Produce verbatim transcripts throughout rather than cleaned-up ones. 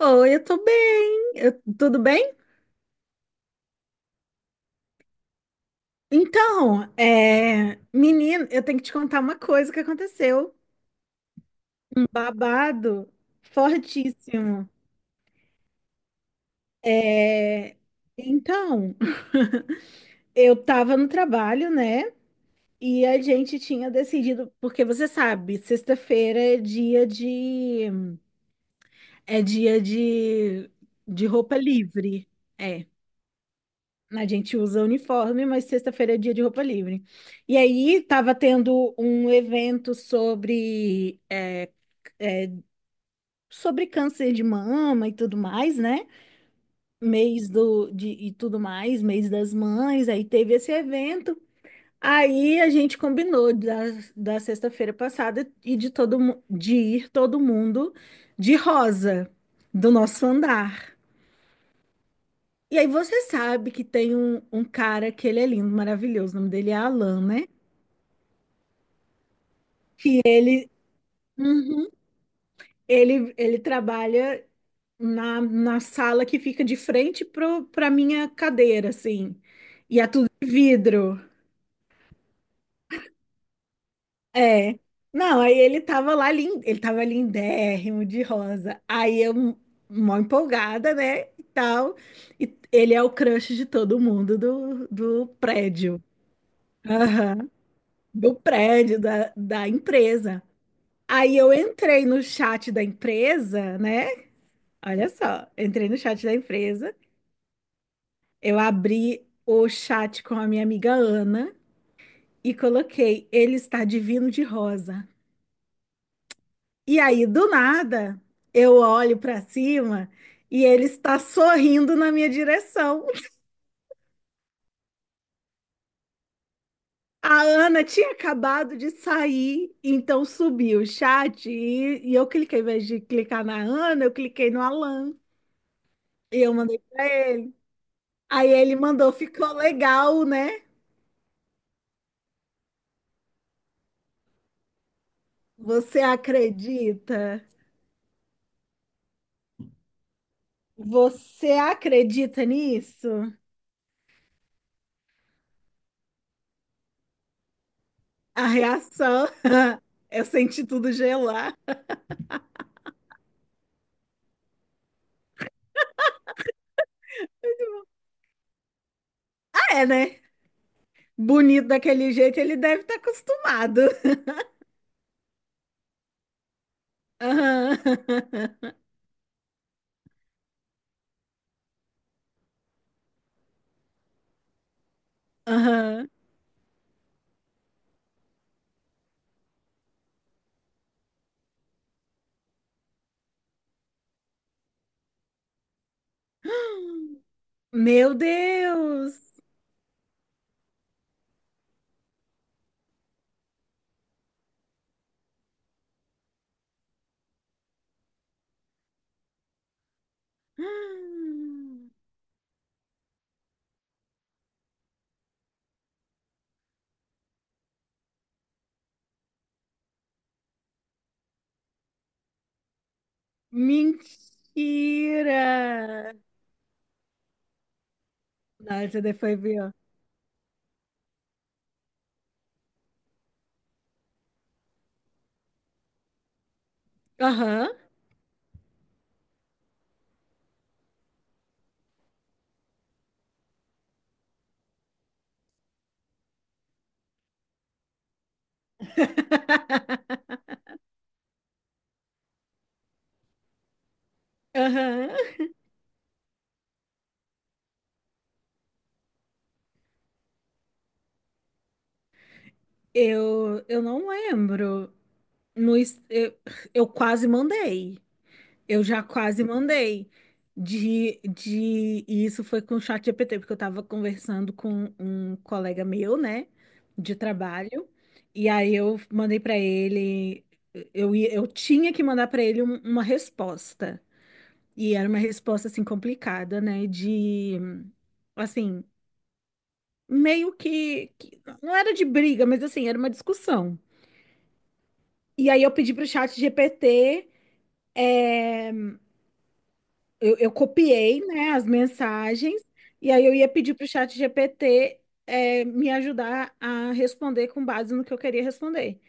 Oi, eu tô bem. Eu- tudo bem? Então, é, menino, eu tenho que te contar uma coisa que aconteceu. Um babado fortíssimo. É, então, eu tava no trabalho, né? E a gente tinha decidido, porque você sabe, sexta-feira é dia de, é dia de, de roupa livre. É. A gente usa uniforme, mas sexta-feira é dia de roupa livre. E aí tava tendo um evento sobre é, sobre câncer de mama e tudo mais, né? Mês do de, e tudo mais, mês das mães, aí teve esse evento. Aí a gente combinou da, da sexta-feira passada e de todo mu- de ir todo mundo de rosa do nosso andar. E aí você sabe que tem um, um cara que ele é lindo, maravilhoso, o nome dele é Alan, né? Ele, ele trabalha na, na sala que fica de frente pro, pra minha cadeira, assim. E é tudo de vidro. É. Não, aí ele tava lá, lin- ele tava lindérrimo de rosa. Aí eu, mó empolgada, né? E tal. E ele é o crush de todo mundo do, do prédio. Aham. Do prédio, da, da empresa. Aí eu entrei no chat da empresa, né? Olha só, entrei no chat da empresa. Eu abri o chat com a minha amiga Ana e coloquei, ele está divino de rosa. E aí, do nada, eu olho para cima e ele está sorrindo na minha direção. A Ana tinha acabado de sair, então subi o chat e, e eu cliquei, ao invés de clicar na Ana, eu cliquei no Alan e eu mandei para ele. Aí ele mandou, ficou legal, né? Você acredita? Você acredita nisso? A reação, eu senti tudo gelar. Ah, é, né? Bonito daquele jeito, ele deve estar acostumado. Aham. Aham. Meu Deus! Mentira! Não, essa daí foi pior. Aham. Aham. Eu, eu não lembro. No, es- eu, eu quase mandei. Eu já quase mandei de, de e isso foi com o chat G P T, porque eu estava conversando com um colega meu, né, de trabalho, e aí eu mandei para ele, eu, ia- eu tinha que mandar para ele um- uma resposta. E era uma resposta assim complicada, né, de assim, meio que, que não era de briga, mas assim, era uma discussão. E aí eu pedi para o chat G P T, eu, eu copiei, né, as mensagens, e aí eu ia pedir para o chat G P T, é, me ajudar a responder com base no que eu queria responder.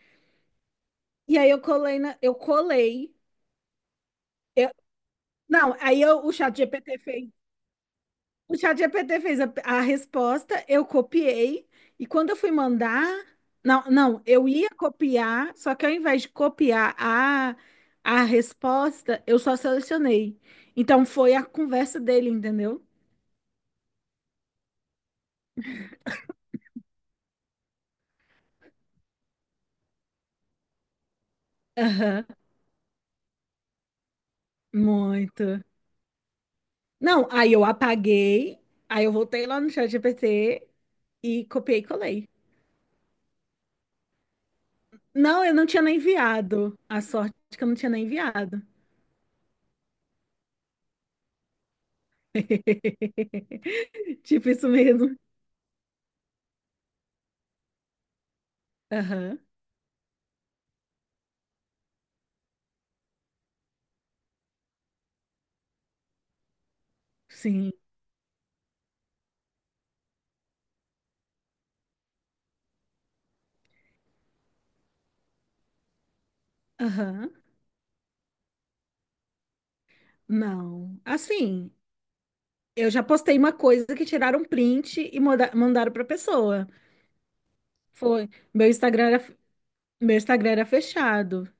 E aí eu colei, na- eu colei. eu- não, aí eu- o chat G P T fez. O chat G P T fez a, a resposta, eu copiei, e quando eu fui mandar. Não, não, eu ia copiar, só que ao invés de copiar a, a resposta, eu só selecionei. Então foi a conversa dele, entendeu? Aham, muito. Não, aí eu apaguei, aí eu voltei lá no chat G P T e copiei e colei. Não, eu não tinha nem enviado. A sorte que eu não tinha nem enviado. Tipo isso mesmo. Aham, sim. Aham. Não. Assim, eu já postei uma coisa que tiraram um print e moda- mandaram pra pessoa. Foi. Meu Instagram era, meu Instagram era fechado.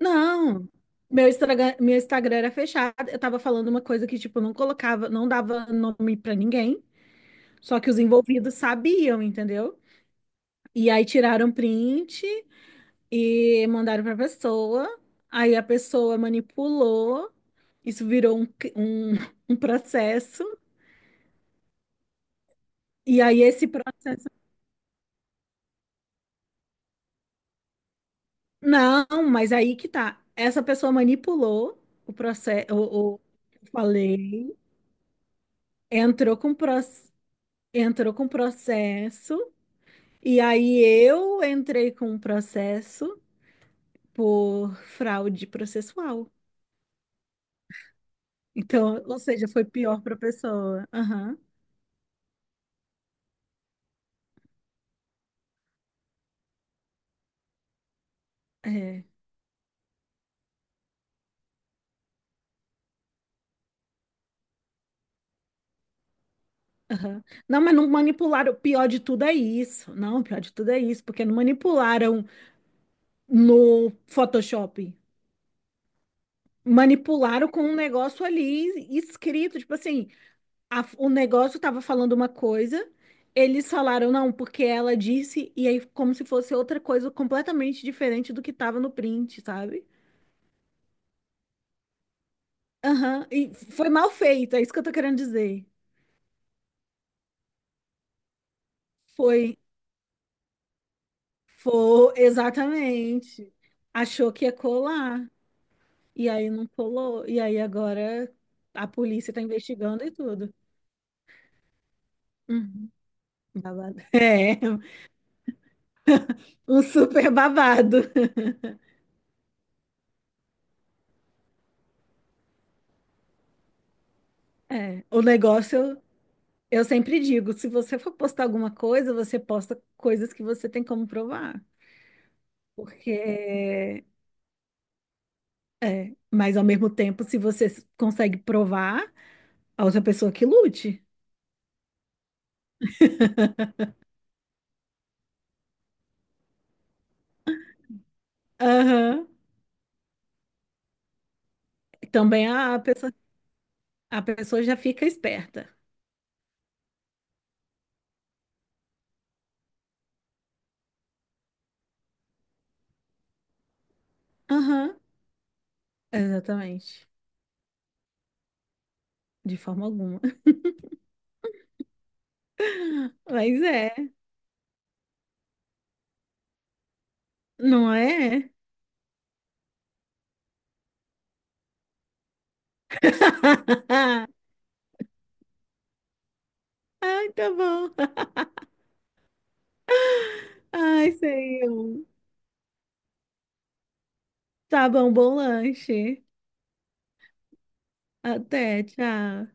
Não, meu Instagram, meu Instagram era fechado. Eu tava falando uma coisa que, tipo, eu não colocava, não dava nome pra ninguém, só que os envolvidos sabiam, entendeu? E aí tiraram print e mandaram pra pessoa. Aí a pessoa manipulou, isso virou um, cri- um, um processo. E aí esse processo. Não, mas aí que tá. Essa pessoa manipulou o processo. O, o- Eu falei, entrou com pro entrou com processo. E aí eu entrei com um processo por fraude processual. Então, ou seja, foi pior para a pessoa. Aham, é, aham. Não, mas não manipularam. O pior de tudo é isso. Não, o pior de tudo é isso, porque não manipularam no Photoshop. Manipularam com um negócio ali escrito, tipo assim, a- o negócio estava falando uma coisa, eles falaram não, porque ela disse, e aí como se fosse outra coisa completamente diferente do que estava no print, sabe? Aham, e foi mal feito, é isso que eu tô querendo dizer. Foi, foi, exatamente. Achou que ia colar, e aí não colou, e aí agora a polícia tá investigando e tudo. Uhum. Babado. É, um super babado. É, o negócio, eu sempre digo, se você for postar alguma coisa, você posta coisas que você tem como provar. Porque, mas ao mesmo tempo, se você consegue provar, a outra pessoa que lute. Aham. Também a pessoa, a pessoa já fica esperta. Aham, exatamente. De forma alguma. Mas é, não é? Ai, tá bom. Ai, Senhor. Tá bom, bom lanche. Até, tchau.